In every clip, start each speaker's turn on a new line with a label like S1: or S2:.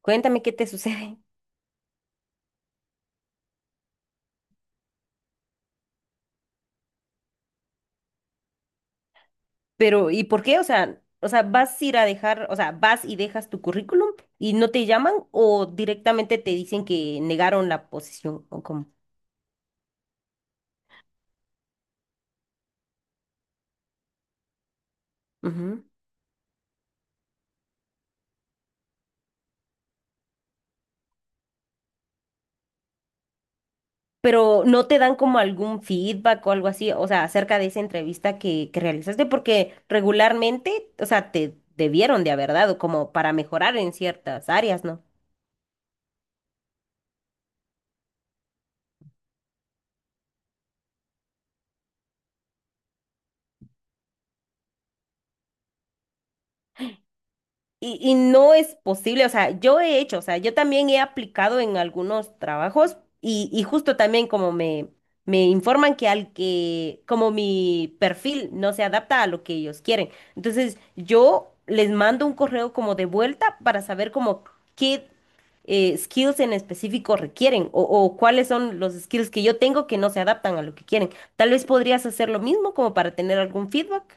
S1: Cuéntame qué te sucede. Pero, ¿y por qué? O sea, vas a ir a dejar, o sea, vas y dejas tu currículum y no te llaman o directamente te dicen que negaron la posición o cómo. Ujú. Pero no te dan como algún feedback o algo así, o sea, acerca de esa entrevista que realizaste, porque regularmente, o sea, te debieron de haber dado como para mejorar en ciertas áreas, ¿no? Y no es posible, o sea, yo he hecho, o sea, yo también he aplicado en algunos trabajos y justo también me informan que al que, como mi perfil no se adapta a lo que ellos quieren. Entonces, yo les mando un correo como de vuelta para saber como qué skills en específico requieren o cuáles son los skills que yo tengo que no se adaptan a lo que quieren. Tal vez podrías hacer lo mismo como para tener algún feedback.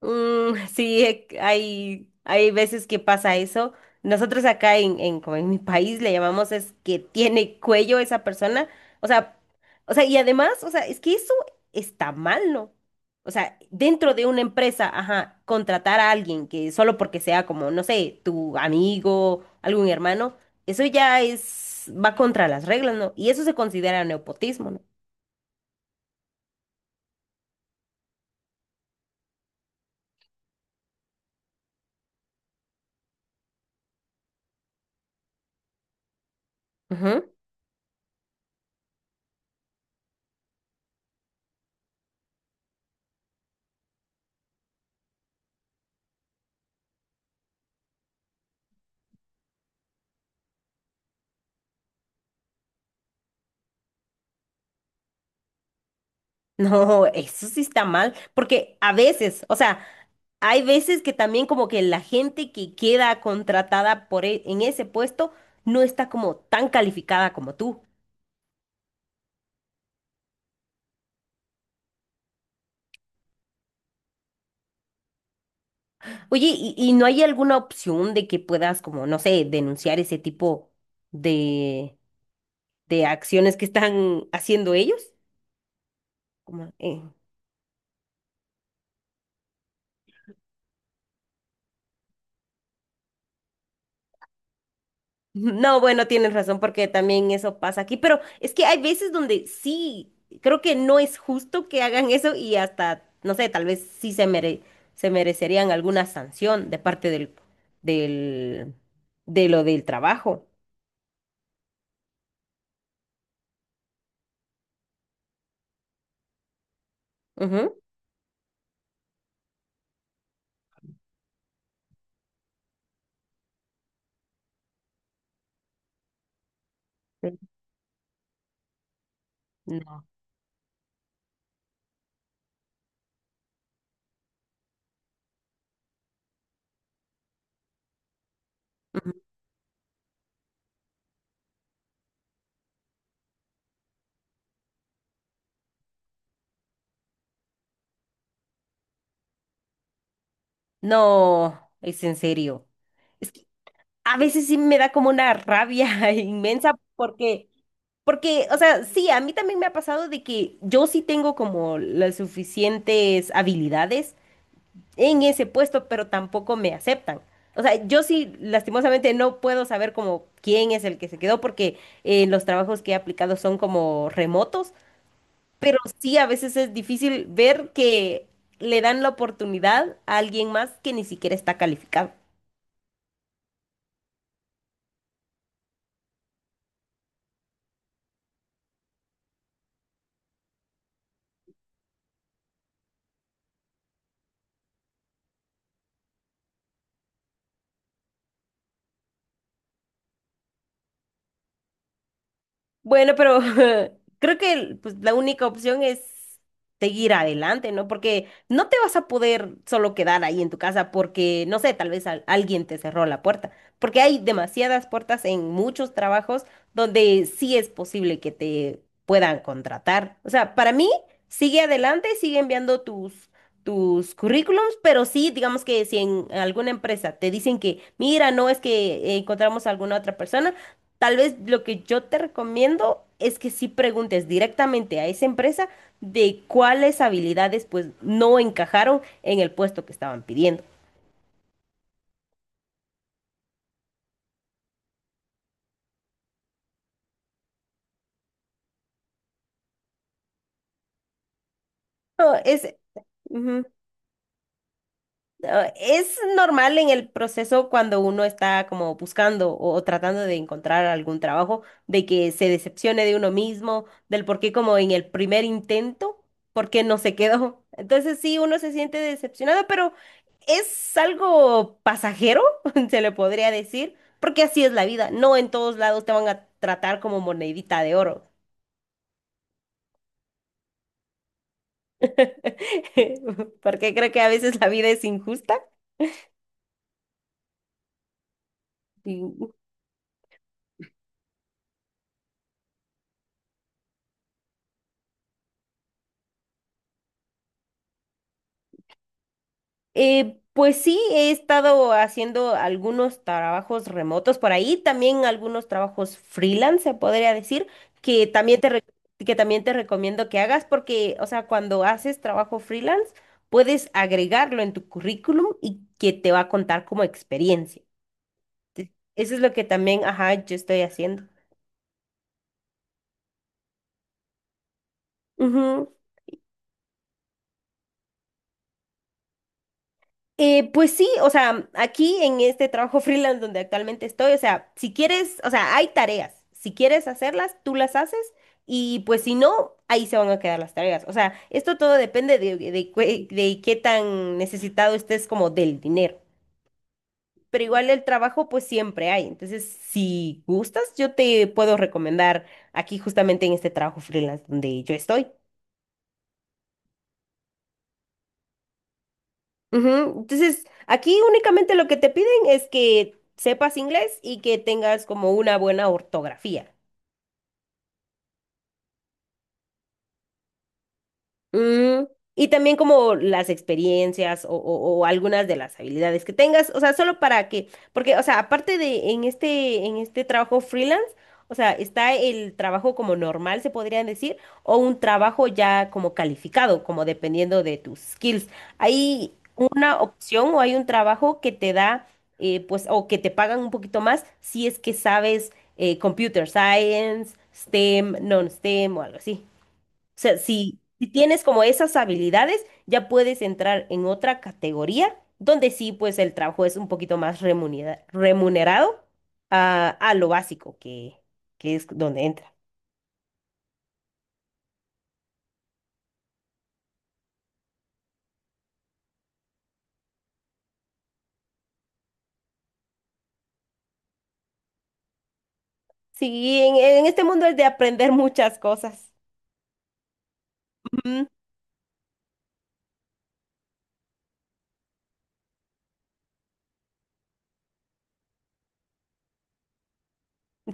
S1: Mm, sí, hay veces que pasa eso. Nosotros acá como en mi país le llamamos es que tiene cuello esa persona. O sea, o sea, y además, o sea, es que eso está mal, ¿no? O sea, dentro de una empresa, ajá, contratar a alguien que solo porque sea como, no sé, tu amigo, algún hermano, eso ya es, va contra las reglas, ¿no? Y eso se considera nepotismo, ¿no? Ujú. No, eso sí está mal, porque a veces, o sea, hay veces que también como que la gente que queda contratada por en ese puesto no está como tan calificada como tú. Oye, ¿y no hay alguna opción de que puedas como, no sé, denunciar ese tipo de, de acciones que están haciendo ellos? Como, no, bueno, tienes razón porque también eso pasa aquí, pero es que hay veces donde sí, creo que no es justo que hagan eso y hasta, no sé, tal vez se merecerían alguna sanción de parte del, de lo del trabajo. Ujú. Sí. No, ujú. No, es en serio. Es que a veces sí me da como una rabia inmensa porque porque, o sea, sí, a mí también me ha pasado de que yo sí tengo como las suficientes habilidades en ese puesto, pero tampoco me aceptan. O sea, yo sí, lastimosamente, no puedo saber como quién es el que se quedó, porque los trabajos que he aplicado son como remotos, pero sí a veces es difícil ver que le dan la oportunidad a alguien más que ni siquiera está calificado. Bueno, pero creo que pues, la única opción es seguir adelante, ¿no? Porque no te vas a poder solo quedar ahí en tu casa porque, no sé, tal vez alguien te cerró la puerta, porque hay demasiadas puertas en muchos trabajos donde sí es posible que te puedan contratar. O sea, para mí, sigue adelante, sigue enviando tus... tus currículums, pero sí, digamos que si en alguna empresa te dicen que, mira, no es que encontramos a alguna otra persona. Tal vez lo que yo te recomiendo es que sí preguntes directamente a esa empresa de cuáles habilidades pues no encajaron en el puesto que estaban pidiendo. No, es, ujú. Ah, es normal en el proceso cuando uno está como buscando o tratando de encontrar algún trabajo, de que se decepcione de uno mismo, del por qué como en el primer intento, por qué no se quedó. Entonces sí, uno se siente decepcionado, pero es algo pasajero, se le podría decir, porque así es la vida. No en todos lados te van a tratar como monedita de oro, porque creo que a veces la vida es injusta. Pues sí, he estado haciendo algunos trabajos remotos por ahí, también algunos trabajos freelance, se podría decir, que también te, re- que también te recomiendo que hagas porque, o sea, cuando haces trabajo freelance, puedes agregarlo en tu currículum y que te va a contar como experiencia. Te- eso es lo que también, ajá, yo estoy haciendo. Pues sí, o sea, aquí en este trabajo freelance donde actualmente estoy, o sea, si quieres, o sea, hay tareas. Si quieres hacerlas, tú las haces y pues si no, ahí se van a quedar las tareas. O sea, esto todo depende de qué tan necesitado estés como del dinero. Pero igual el trabajo pues siempre hay. Entonces, si gustas, yo te puedo recomendar aquí justamente en este trabajo freelance donde yo estoy. Ujú. Entonces, aquí únicamente lo que te piden es que sepas inglés y que tengas como una buena ortografía. Mm, y también como las experiencias o algunas de las habilidades que tengas, o sea, solo para que, porque, o sea, aparte de en este trabajo freelance, o sea, está el trabajo como normal, se podrían decir, o un trabajo ya como calificado, como dependiendo de tus skills. Hay una opción o hay un trabajo que te da, pues, o que te pagan un poquito más si es que sabes computer science, STEM, non-STEM o algo así. O sea, si tienes como esas habilidades, ya puedes entrar en otra categoría donde sí, pues el trabajo es un poquito más remunerado a lo básico que es donde entra. Sí, en este mundo es de aprender muchas cosas. Ujú.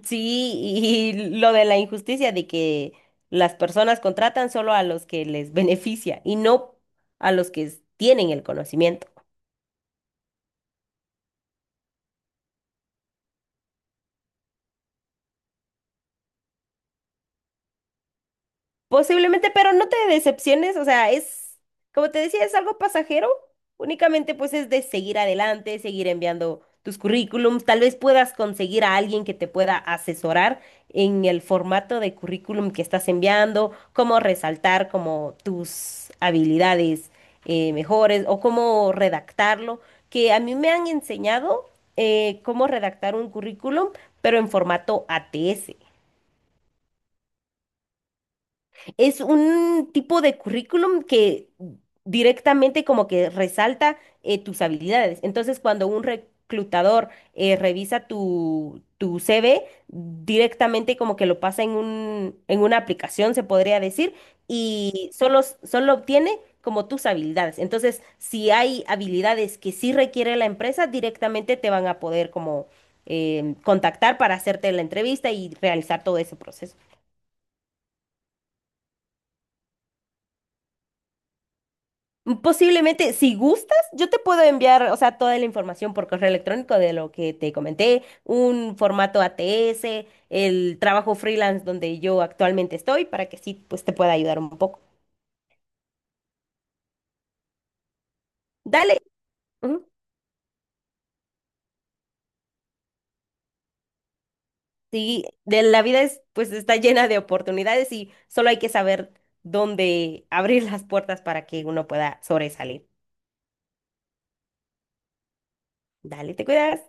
S1: Sí, y lo de la injusticia de que las personas contratan solo a los que les beneficia y no a los que tienen el conocimiento. Posiblemente, pero no te decepciones, o sea, es, como te decía, es algo pasajero, únicamente pues es de seguir adelante, seguir enviando tus currículums, tal vez puedas conseguir a alguien que te pueda asesorar en el formato de currículum que estás enviando, cómo resaltar como tus habilidades mejores o cómo redactarlo, que a mí me han enseñado cómo redactar un currículum, pero en formato ATS. Es un tipo de currículum que directamente como que resalta tus habilidades. Entonces, cuando un reclutador revisa tu CV, directamente como que lo pasa en un, en una aplicación, se podría decir, y solo obtiene como tus habilidades. Entonces, si hay habilidades que sí requiere la empresa, directamente te van a poder como contactar para hacerte la entrevista y realizar todo ese proceso. Posiblemente, si gustas, yo te puedo enviar, o sea, toda la información por correo electrónico de lo que te comenté, un formato ATS, el trabajo freelance donde yo actualmente estoy, para que sí, pues te pueda ayudar un poco. Dale. Ujú. Sí, de la vida es, pues está llena de oportunidades y solo hay que saber dónde abrir las puertas para que uno pueda sobresalir. Dale, te cuidas.